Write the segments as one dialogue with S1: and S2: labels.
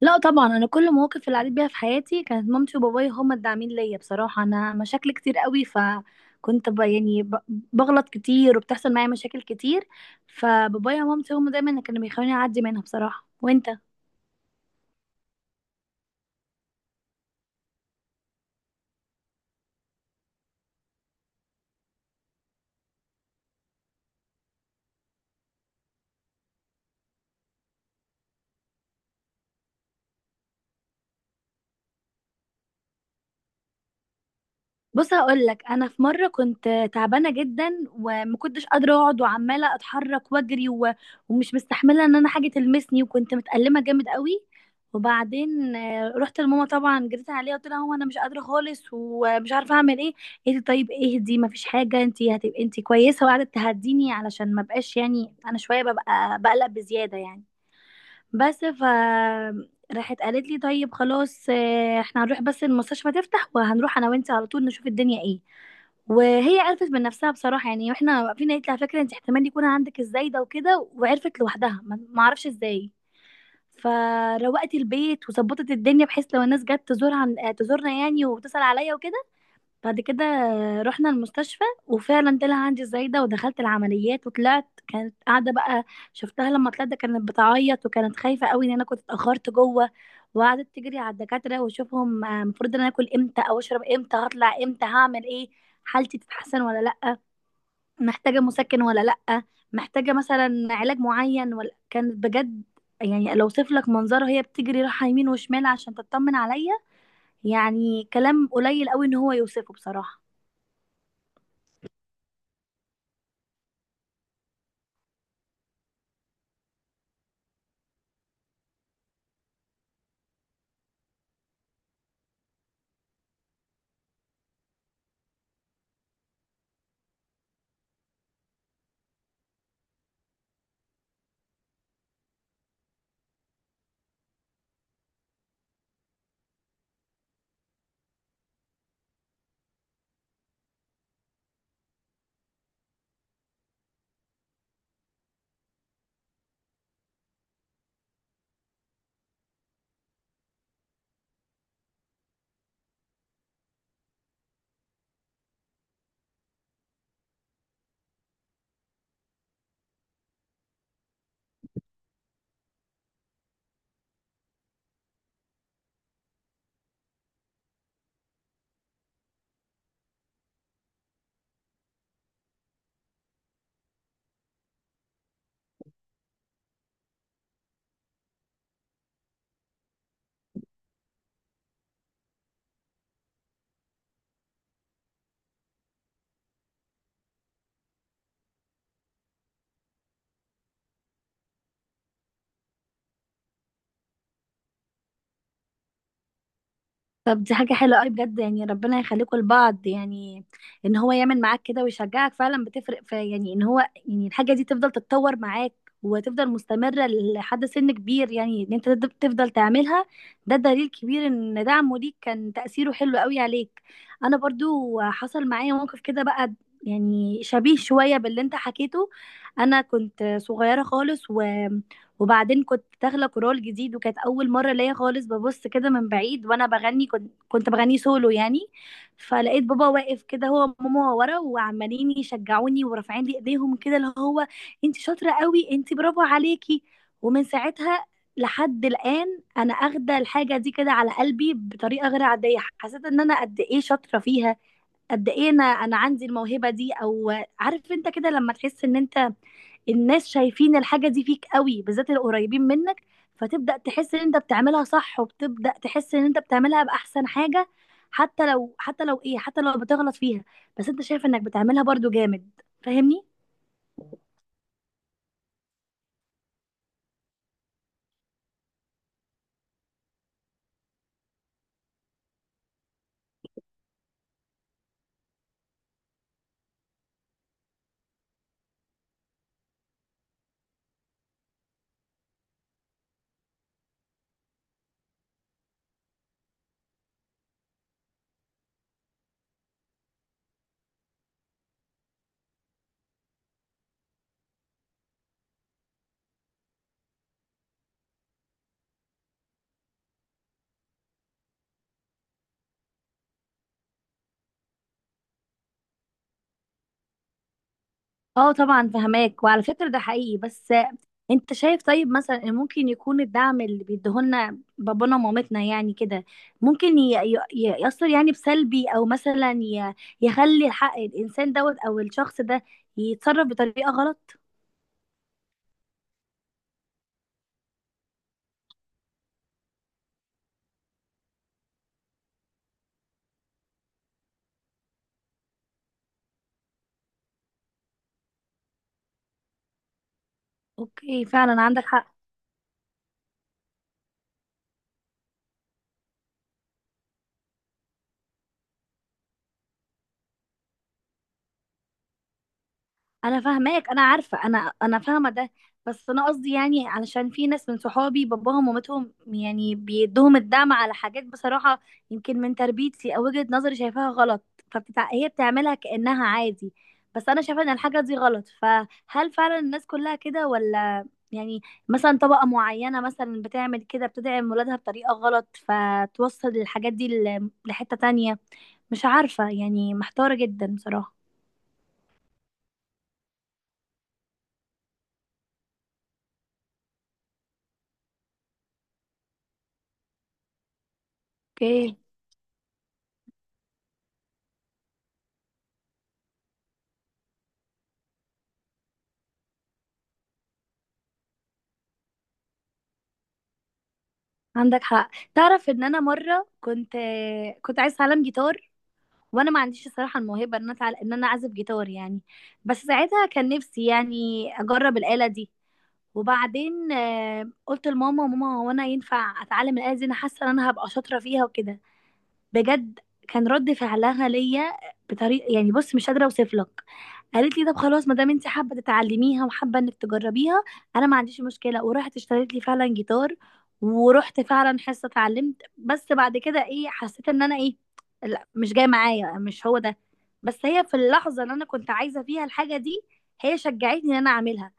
S1: لا طبعا، انا كل المواقف اللي عديت بيها في حياتي كانت مامتي وبابايا هما الداعمين ليا. بصراحه انا مشاكل كتير قوي، فكنت بغلط كتير وبتحصل معايا مشاكل كتير. فبابايا ومامتي هما دايما اللي كانوا بيخلوني اعدي منها بصراحه. وانت، بص هقول لك، انا في مره كنت تعبانه جدا وما كنتش قادره اقعد وعماله اتحرك واجري ومش مستحمله ان انا حاجه تلمسني وكنت متألمه جامد قوي. وبعدين رحت لماما طبعا، جريت عليها قلت لها هو انا مش قادره خالص ومش عارفه اعمل ايه. قالت لي طيب اهدي ما فيش حاجه، انت هتبقي انت كويسه. وقعدت تهديني علشان ما بقاش، يعني انا شويه ببقى بقلق بزياده يعني. بس ف راحت قالت لي طيب خلاص احنا هنروح بس المستشفى تفتح، وهنروح انا وانت على طول نشوف الدنيا ايه. وهي عرفت من نفسها بصراحه يعني، واحنا واقفين قالت لي على فكره انت احتمال يكون عندك الزايده وكده. وعرفت لوحدها، ما اعرفش ازاي. فروقت البيت وظبطت الدنيا بحيث لو الناس جت تزورها تزورنا يعني وتسال عليا وكده. بعد كده رحنا المستشفى وفعلا طلع عندي الزايدة ودخلت العمليات وطلعت. كانت قاعدة بقى، شفتها لما طلعت كانت بتعيط وكانت خايفة قوي ان انا كنت اتأخرت جوه. وقعدت تجري على الدكاترة واشوفهم المفروض ان انا اكل امتى او اشرب امتى، هطلع امتى، هعمل ايه، حالتي تتحسن ولا لأ، محتاجة مسكن ولا لأ، محتاجة مثلا علاج معين ولا. كانت بجد، يعني لو اوصف لك منظرها هي بتجري رايحة يمين وشمال عشان تطمن عليا. يعني كلام قليل قوي ان هو يوصفه بصراحة. طب دي حاجة حلوة قوي بجد، يعني ربنا يخليكم لبعض يعني. ان هو يعمل معاك كده ويشجعك فعلا بتفرق، في يعني ان هو يعني الحاجة دي تفضل تتطور معاك وتفضل مستمرة لحد سن كبير، يعني ان انت تفضل تعملها. ده دليل كبير ان دعمه ليك كان تأثيره حلو قوي عليك. انا برضو حصل معايا موقف كده بقى، يعني شبيه شوية باللي انت حكيته. انا كنت صغيرة خالص، وبعدين كنت داخله كورال جديد وكانت اول مره ليا خالص. ببص كده من بعيد وانا بغني، كنت بغني سولو يعني. فلقيت بابا واقف كده هو وماما ورا وعمالين يشجعوني ورافعين لي ايديهم كده، اللي هو انت شاطره قوي، انت برافو عليكي. ومن ساعتها لحد الان انا اخده الحاجه دي كده على قلبي بطريقه غير عاديه. حسيت ان انا قد ايه شاطره فيها، قد ايه انا عندي الموهبه دي. او عارف انت كده لما تحس ان انت الناس شايفين الحاجه دي فيك قوي، بالذات القريبين منك. فتبدا تحس ان انت بتعملها صح، وبتبدا تحس ان انت بتعملها باحسن حاجه. حتى لو، حتى لو ايه حتى لو بتغلط فيها، بس انت شايف انك بتعملها برضو جامد. فاهمني؟ اه طبعا فهماك. وعلى فكرة ده حقيقي. بس انت شايف طيب مثلا ان ممكن يكون الدعم اللي بيديهولنا بابانا ومامتنا يعني كده، ممكن يأثر يعني بسلبي، او مثلا يخلي الحق الانسان دوت او الشخص ده يتصرف بطريقة غلط. اوكي فعلا عندك حق. انا فاهماك، انا عارفه، انا فاهمه ده. بس انا قصدي يعني، علشان في ناس من صحابي باباهم ومامتهم يعني بيدوهم الدعم على حاجات بصراحه يمكن من تربيتي او وجهه نظري شايفاها غلط. هي بتعملها كانها عادي، بس انا شايفه ان الحاجه دي غلط. فهل فعلا الناس كلها كده ولا يعني مثلا طبقه معينه مثلا بتعمل كده، بتدعم ولادها بطريقه غلط فتوصل الحاجات دي لحته تانية؟ مش عارفه يعني، محتاره جدا بصراحه. اوكي، عندك حق. تعرف ان انا مره كنت، كنت عايز اتعلم جيتار، وانا ما عنديش الصراحه الموهبه ان انا ان انا اعزف جيتار يعني. بس ساعتها كان نفسي يعني اجرب الاله دي. وبعدين قلت لماما، ماما هو انا ينفع اتعلم الاله دي، انا حاسه ان انا هبقى شاطره فيها وكده؟ بجد كان رد فعلها ليا بطريقه يعني بص مش قادره اوصف لك. قالت لي طب خلاص ما دام انت حابه تتعلميها وحابه انك تجربيها انا ما عنديش مشكله. ورحت اشتريت لي فعلا جيتار، ورحت فعلا حصه اتعلمت. بس بعد كده ايه، حسيت ان انا ايه، لا مش جاي معايا، مش هو ده. بس هي في اللحظه اللي انا كنت عايزه فيها الحاجه دي هي شجعتني ان انا اعملها.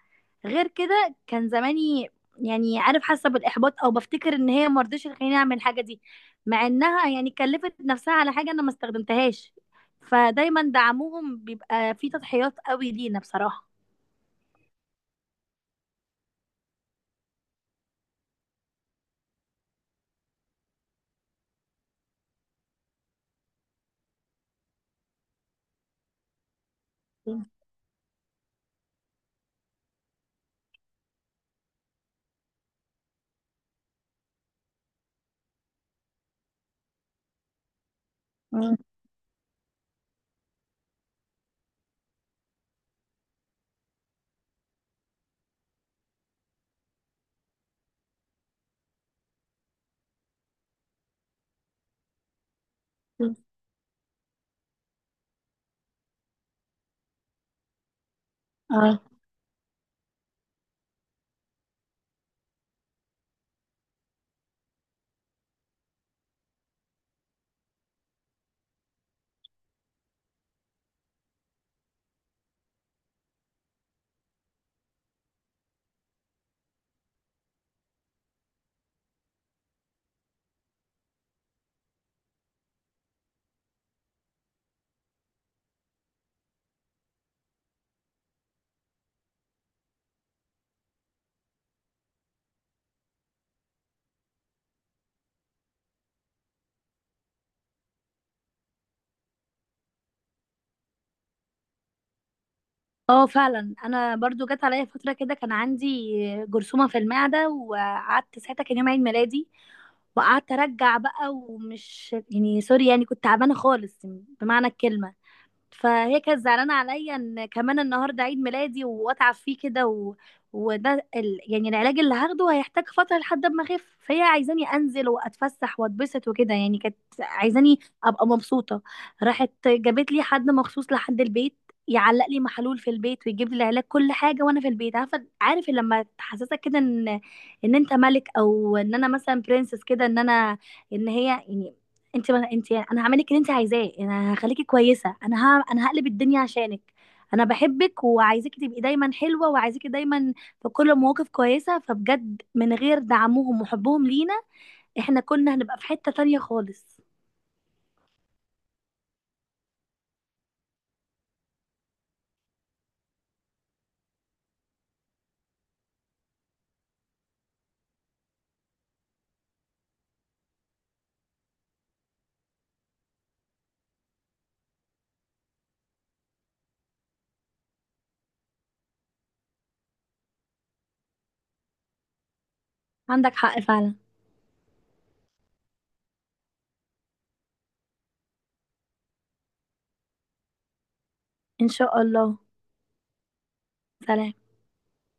S1: غير كده كان زماني يعني، عارف، حاسه بالاحباط او بفتكر ان هي مرضتش تخليني اعمل الحاجه دي، مع انها يعني كلفت نفسها على حاجه انا ما استخدمتهاش. فدايما دعمهم بيبقى فيه تضحيات قوي لينا بصراحه. مم. اه. اه فعلا انا برضو جت عليا فتره كده، كان عندي جرثومه في المعده. وقعدت ساعتها كان يوم عيد ميلادي، وقعدت ارجع بقى ومش يعني سوري، يعني كنت تعبانه خالص بمعنى الكلمه. فهي كانت زعلانه عليا ان كمان النهارده عيد ميلادي واتعب فيه كده يعني العلاج اللي هاخده هيحتاج فتره لحد ما اخف، فهي عايزاني انزل واتفسح واتبسط وكده. يعني كانت عايزاني ابقى مبسوطه. راحت جابت لي حد مخصوص لحد البيت يعلق لي محلول في البيت ويجيب لي العلاج كل حاجه وانا في البيت. عارفه عارف لما تحسسك كده ان انت ملك، او ان انا مثلا برنسس كده، ان انا ان هي يعني انت، ما انت يعني انا هعملك اللي انت عايزاه، انا هخليكي كويسه، انا هقلب الدنيا عشانك، انا بحبك وعايزاكي تبقي دايما حلوه وعايزاكي دايما في كل المواقف كويسه. فبجد من غير دعمهم وحبهم لينا، احنا كنا هنبقى في حته تانية خالص. عندك حق فعلا. ان شاء الله. سلام.